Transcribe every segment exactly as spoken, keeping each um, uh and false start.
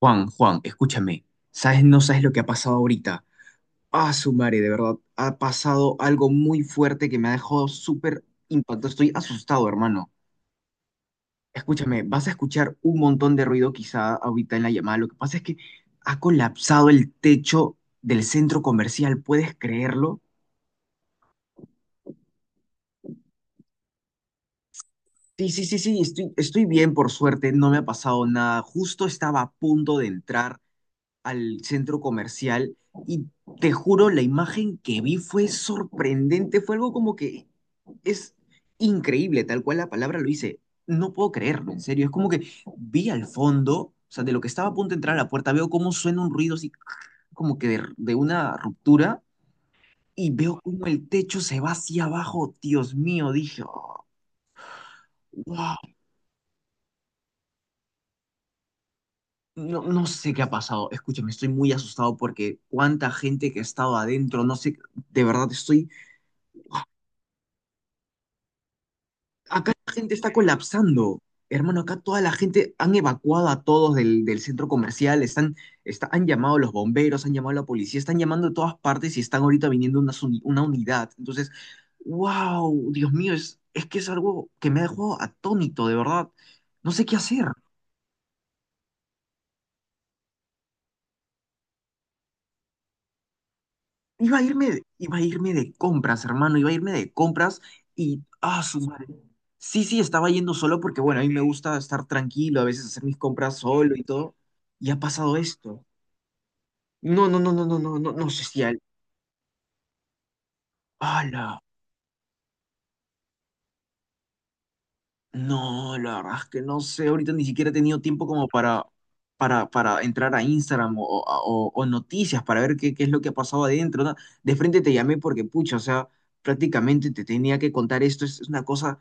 Juan, Juan, escúchame, ¿sabes? No sabes lo que ha pasado ahorita. Ah, su madre, de verdad, ha pasado algo muy fuerte que me ha dejado súper impactado. Estoy asustado, hermano. Escúchame, vas a escuchar un montón de ruido quizá ahorita en la llamada. Lo que pasa es que ha colapsado el techo del centro comercial, ¿puedes creerlo? Sí, sí, sí, sí, estoy, estoy bien, por suerte, no me ha pasado nada. Justo estaba a punto de entrar al centro comercial y te juro, la imagen que vi fue sorprendente, fue algo como que es increíble, tal cual la palabra lo dice. No puedo creerlo, en serio. Es como que vi al fondo, o sea, de lo que estaba a punto de entrar a la puerta, veo cómo suena un ruido así como que de, de una ruptura y veo cómo el techo se va hacia abajo. Dios mío, dije: "Oh, wow". No, no sé qué ha pasado. Escúchame, estoy muy asustado porque cuánta gente que ha estado adentro, no sé, de verdad estoy. Acá la gente está colapsando. Hermano, acá toda la gente han evacuado a todos del, del centro comercial, están, está- han llamado a los bomberos, han llamado a la policía, están llamando de todas partes y están ahorita viniendo una uni- una, unidad. Entonces, wow, Dios mío, es, es que es algo que me ha dejado atónito, de verdad. No sé qué hacer. Iba a irme, de- iba a irme de compras, hermano, iba a irme de compras y, ah, su madre. Sí, sí, estaba yendo solo porque, bueno, a mí me gusta estar tranquilo, a veces hacer mis compras solo y todo. Y ha pasado esto. No, no, no, no, no, no, no, no sé si al... ¡Hala! No, la verdad es que no sé, ahorita ni siquiera he tenido tiempo como para, para, para entrar a Instagram, o, o- o o noticias para ver qué, qué es lo que ha pasado adentro, ¿no? De frente te llamé porque, pucha, o sea, prácticamente te tenía que contar esto, es es una cosa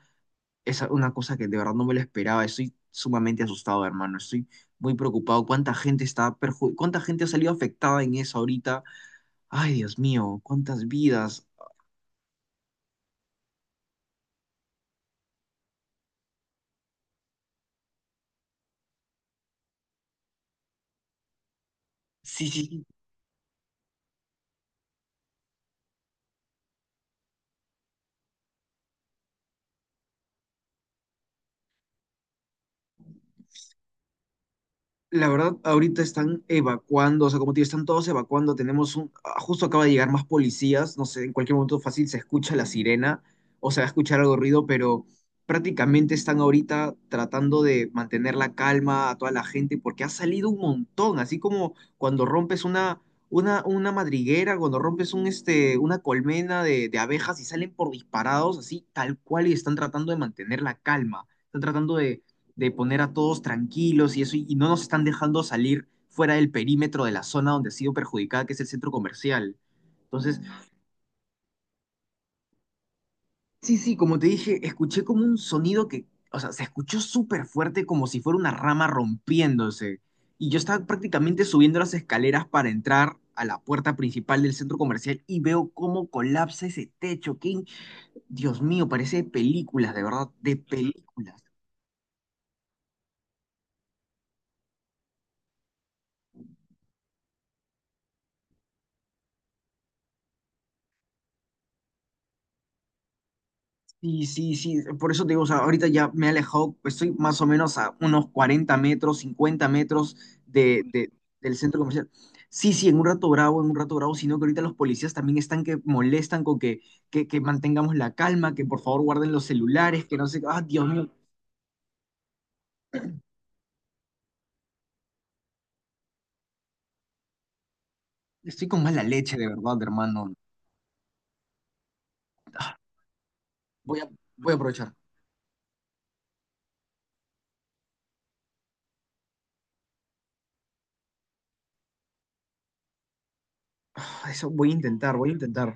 es una cosa que de verdad no me lo esperaba. Estoy sumamente asustado, hermano. Estoy muy preocupado. ¿Cuánta gente está perju- ¿Cuánta gente ha salido afectada en eso ahorita? Ay, Dios mío, cuántas vidas. Sí, sí, sí. La verdad, ahorita están evacuando, o sea, como te digo, están todos evacuando. Tenemos un, ah, justo acaba de llegar más policías, no sé, en cualquier momento fácil se escucha la sirena o se va a escuchar algo de ruido, pero prácticamente están ahorita tratando de mantener la calma a toda la gente porque ha salido un montón, así como cuando rompes una, una, una madriguera, cuando rompes un, este, una colmena de, de abejas y salen por disparados, así tal cual, y están tratando de mantener la calma, están tratando de de poner a todos tranquilos y eso, y no nos están dejando salir fuera del perímetro de la zona donde ha sido perjudicada, que es el centro comercial. Entonces, sí, sí, como te dije, escuché como un sonido que, o sea, se escuchó súper fuerte como si fuera una rama rompiéndose. Y yo estaba prácticamente subiendo las escaleras para entrar a la puerta principal del centro comercial y veo cómo colapsa ese techo. Que Dios mío, parece de películas, de verdad, de películas. Sí, sí, sí, por eso te digo, o sea, ahorita ya me he alejado, pues estoy más o menos a unos cuarenta metros, cincuenta metros de, de- del centro comercial. Sí, sí, en un rato bravo, en un rato bravo, sino que ahorita los policías también están que molestan con que, que, que mantengamos la calma, que por favor guarden los celulares, que no sé, ah, Dios mío, estoy con mala leche, de verdad, hermano. Ah, Voy a, voy a aprovechar. Ah, Eso voy a intentar, voy a intentar.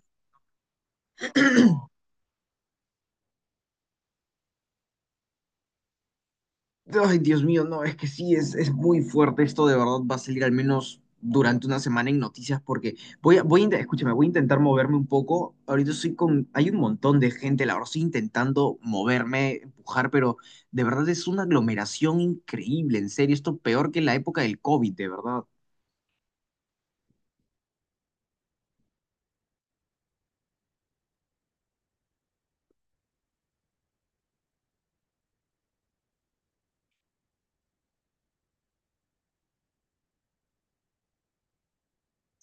Ay, Dios mío, no, es que sí, es, es muy fuerte esto, de verdad va a salir al menos durante una semana en noticias porque voy a, voy a, inte- escúchame, voy a intentar moverme un poco. Ahorita estoy con, hay un montón de gente, la verdad, estoy intentando moverme, empujar, pero de verdad es una aglomeración increíble, en serio, esto peor que la época del COVID, de verdad.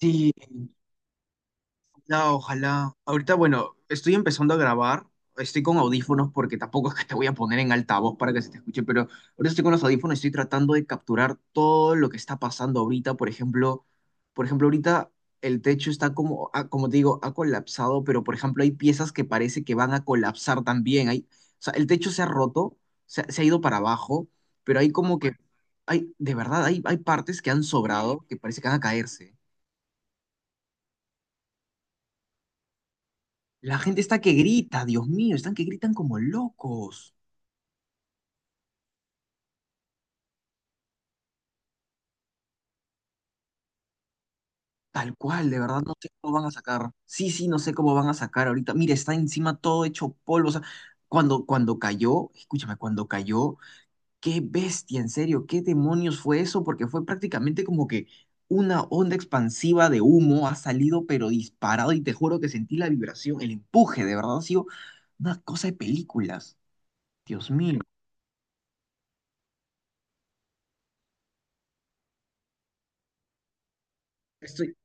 Sí. No, ojalá. Ahorita, bueno, estoy empezando a grabar. Estoy con audífonos porque tampoco es que te voy a poner en altavoz para que se te escuche, pero ahorita estoy con los audífonos y estoy tratando de capturar todo lo que está pasando ahorita. Por ejemplo, por ejemplo, ahorita el techo está como, ah, como te digo, ha colapsado, pero por ejemplo, hay piezas que parece que van a colapsar también. Hay, o sea, el techo se ha roto, se, ha se ha ido para abajo, pero hay como que, hay, de verdad, hay, hay partes que han sobrado que parece que van a caerse. La gente está que grita, Dios mío, están que gritan como locos. Tal cual, de verdad, no sé cómo van a sacar. Sí, sí, no sé cómo van a sacar ahorita. Mira, está encima todo hecho polvo. O sea, cuando, cuando cayó, escúchame, cuando cayó, qué bestia, en serio, qué demonios fue eso, porque fue prácticamente como que una onda expansiva de humo ha salido, pero disparado, y te juro que sentí la vibración, el empuje, de verdad, ha sido una cosa de películas. Dios mío. Estoy,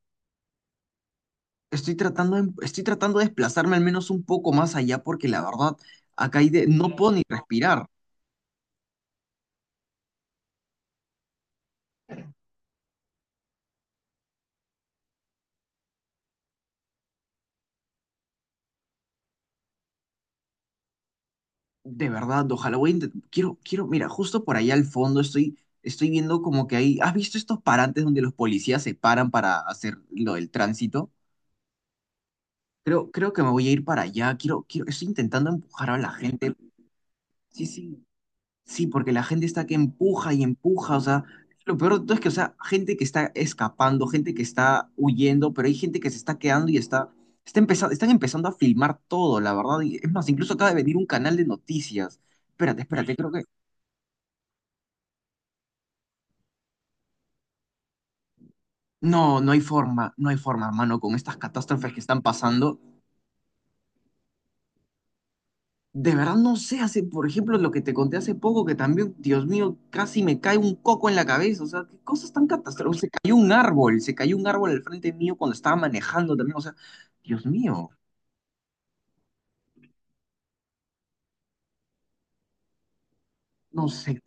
Estoy tratando de, estoy tratando de desplazarme al menos un poco más allá porque la verdad, acá hay de- no puedo ni respirar. De verdad, ojalá voy a intent- Quiero, quiero, mira, justo por allá al fondo estoy, estoy viendo como que hay... ¿Has visto estos parantes donde los policías se paran para hacer lo del tránsito? Creo, creo que me voy a ir para allá. Quiero, quiero, estoy intentando empujar a la gente. Sí, sí, sí, porque la gente está que empuja y empuja, o sea, lo peor de todo es que, o sea, gente que está escapando, gente que está huyendo, pero hay gente que se está quedando y está, está empezando, están empezando a filmar todo, la verdad. Y es más, incluso acaba de venir un canal de noticias. Espérate, espérate, creo que... No, no hay forma, no hay forma, hermano, con estas catástrofes que están pasando. De verdad no sé, hace, por ejemplo, lo que te conté hace poco, que también, Dios mío, casi me cae un coco en la cabeza. O sea, qué cosas tan catastróficas. Se cayó un árbol, se cayó un árbol al frente mío cuando estaba manejando también. O sea, Dios mío, no sé,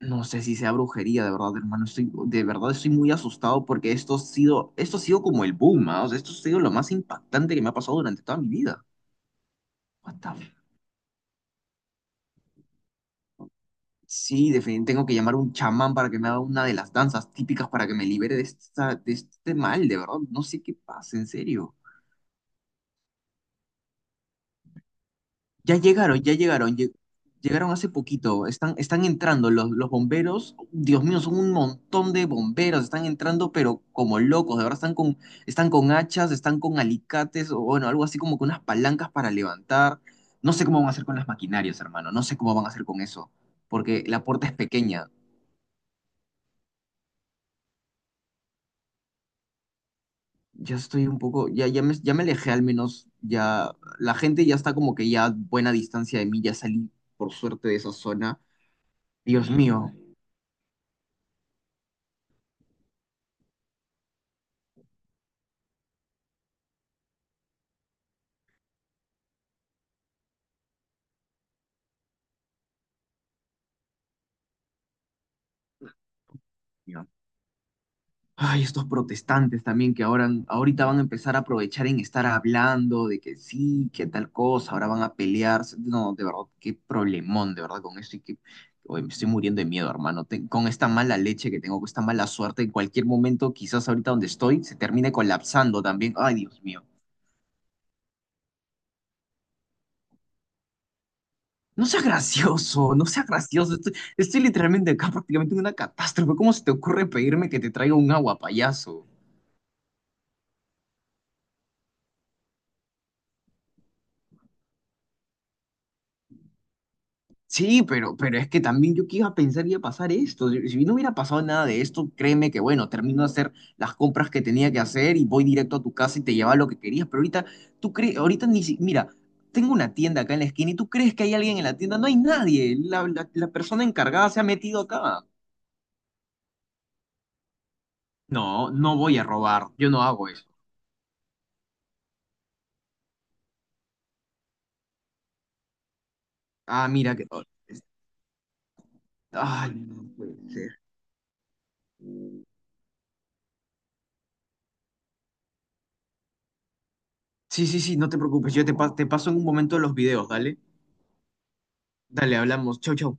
no sé si sea brujería, de verdad, hermano. Estoy, de verdad estoy muy asustado porque esto ha sido, esto ha sido como el boom, ¿ah? O sea, esto ha sido lo más impactante que me ha pasado durante toda mi vida. What the Sí, definitivamente tengo que llamar a un chamán para que me haga una de las danzas típicas para que me libere de, esta, de este mal, de verdad. No sé qué pasa, en serio. Ya llegaron, ya llegaron, lle- llegaron hace poquito. Están, están entrando los, los bomberos. Dios mío, son un montón de bomberos. Están entrando, pero como locos. De verdad, están con, están con hachas, están con alicates, o bueno, algo así como con unas palancas para levantar. No sé cómo van a hacer con las maquinarias, hermano. No sé cómo van a hacer con eso. Porque la puerta es pequeña. Ya estoy un poco, ya, ya me, ya me alejé al menos, ya la gente ya está como que ya a buena distancia de mí, ya salí por suerte de esa zona. Dios mío, Dios mío. Ay, estos protestantes también que ahora, ahorita van a empezar a aprovechar en estar hablando de que sí, que tal cosa, ahora van a pelearse. No, de verdad, qué problemón, de verdad, con esto y que, oye, me estoy muriendo de miedo, hermano. Ten- con esta mala leche que tengo, con esta mala suerte, en cualquier momento, quizás ahorita donde estoy, se termine colapsando también. Ay, Dios mío. No sea gracioso, no sea gracioso. Estoy, estoy literalmente acá prácticamente en una catástrofe. ¿Cómo se te ocurre pedirme que te traiga un agua, payaso? Sí, pero, pero es que también yo que iba a pensar que iba a pasar esto. Si si no hubiera pasado nada de esto, créeme que bueno, termino de hacer las compras que tenía que hacer y voy directo a tu casa y te lleva lo que querías. Pero ahorita, tú crees, ahorita ni si, mira, tengo una tienda acá en la esquina y tú crees que hay alguien en la tienda. No hay nadie. La, la, la persona encargada se ha metido acá. No, no voy a robar. Yo no hago eso. Ah, mira que. Ay, no puede ser. Sí, sí, sí, no te preocupes. Yo te, pa- te paso en un momento los videos, dale. Dale, hablamos. Chau, chau.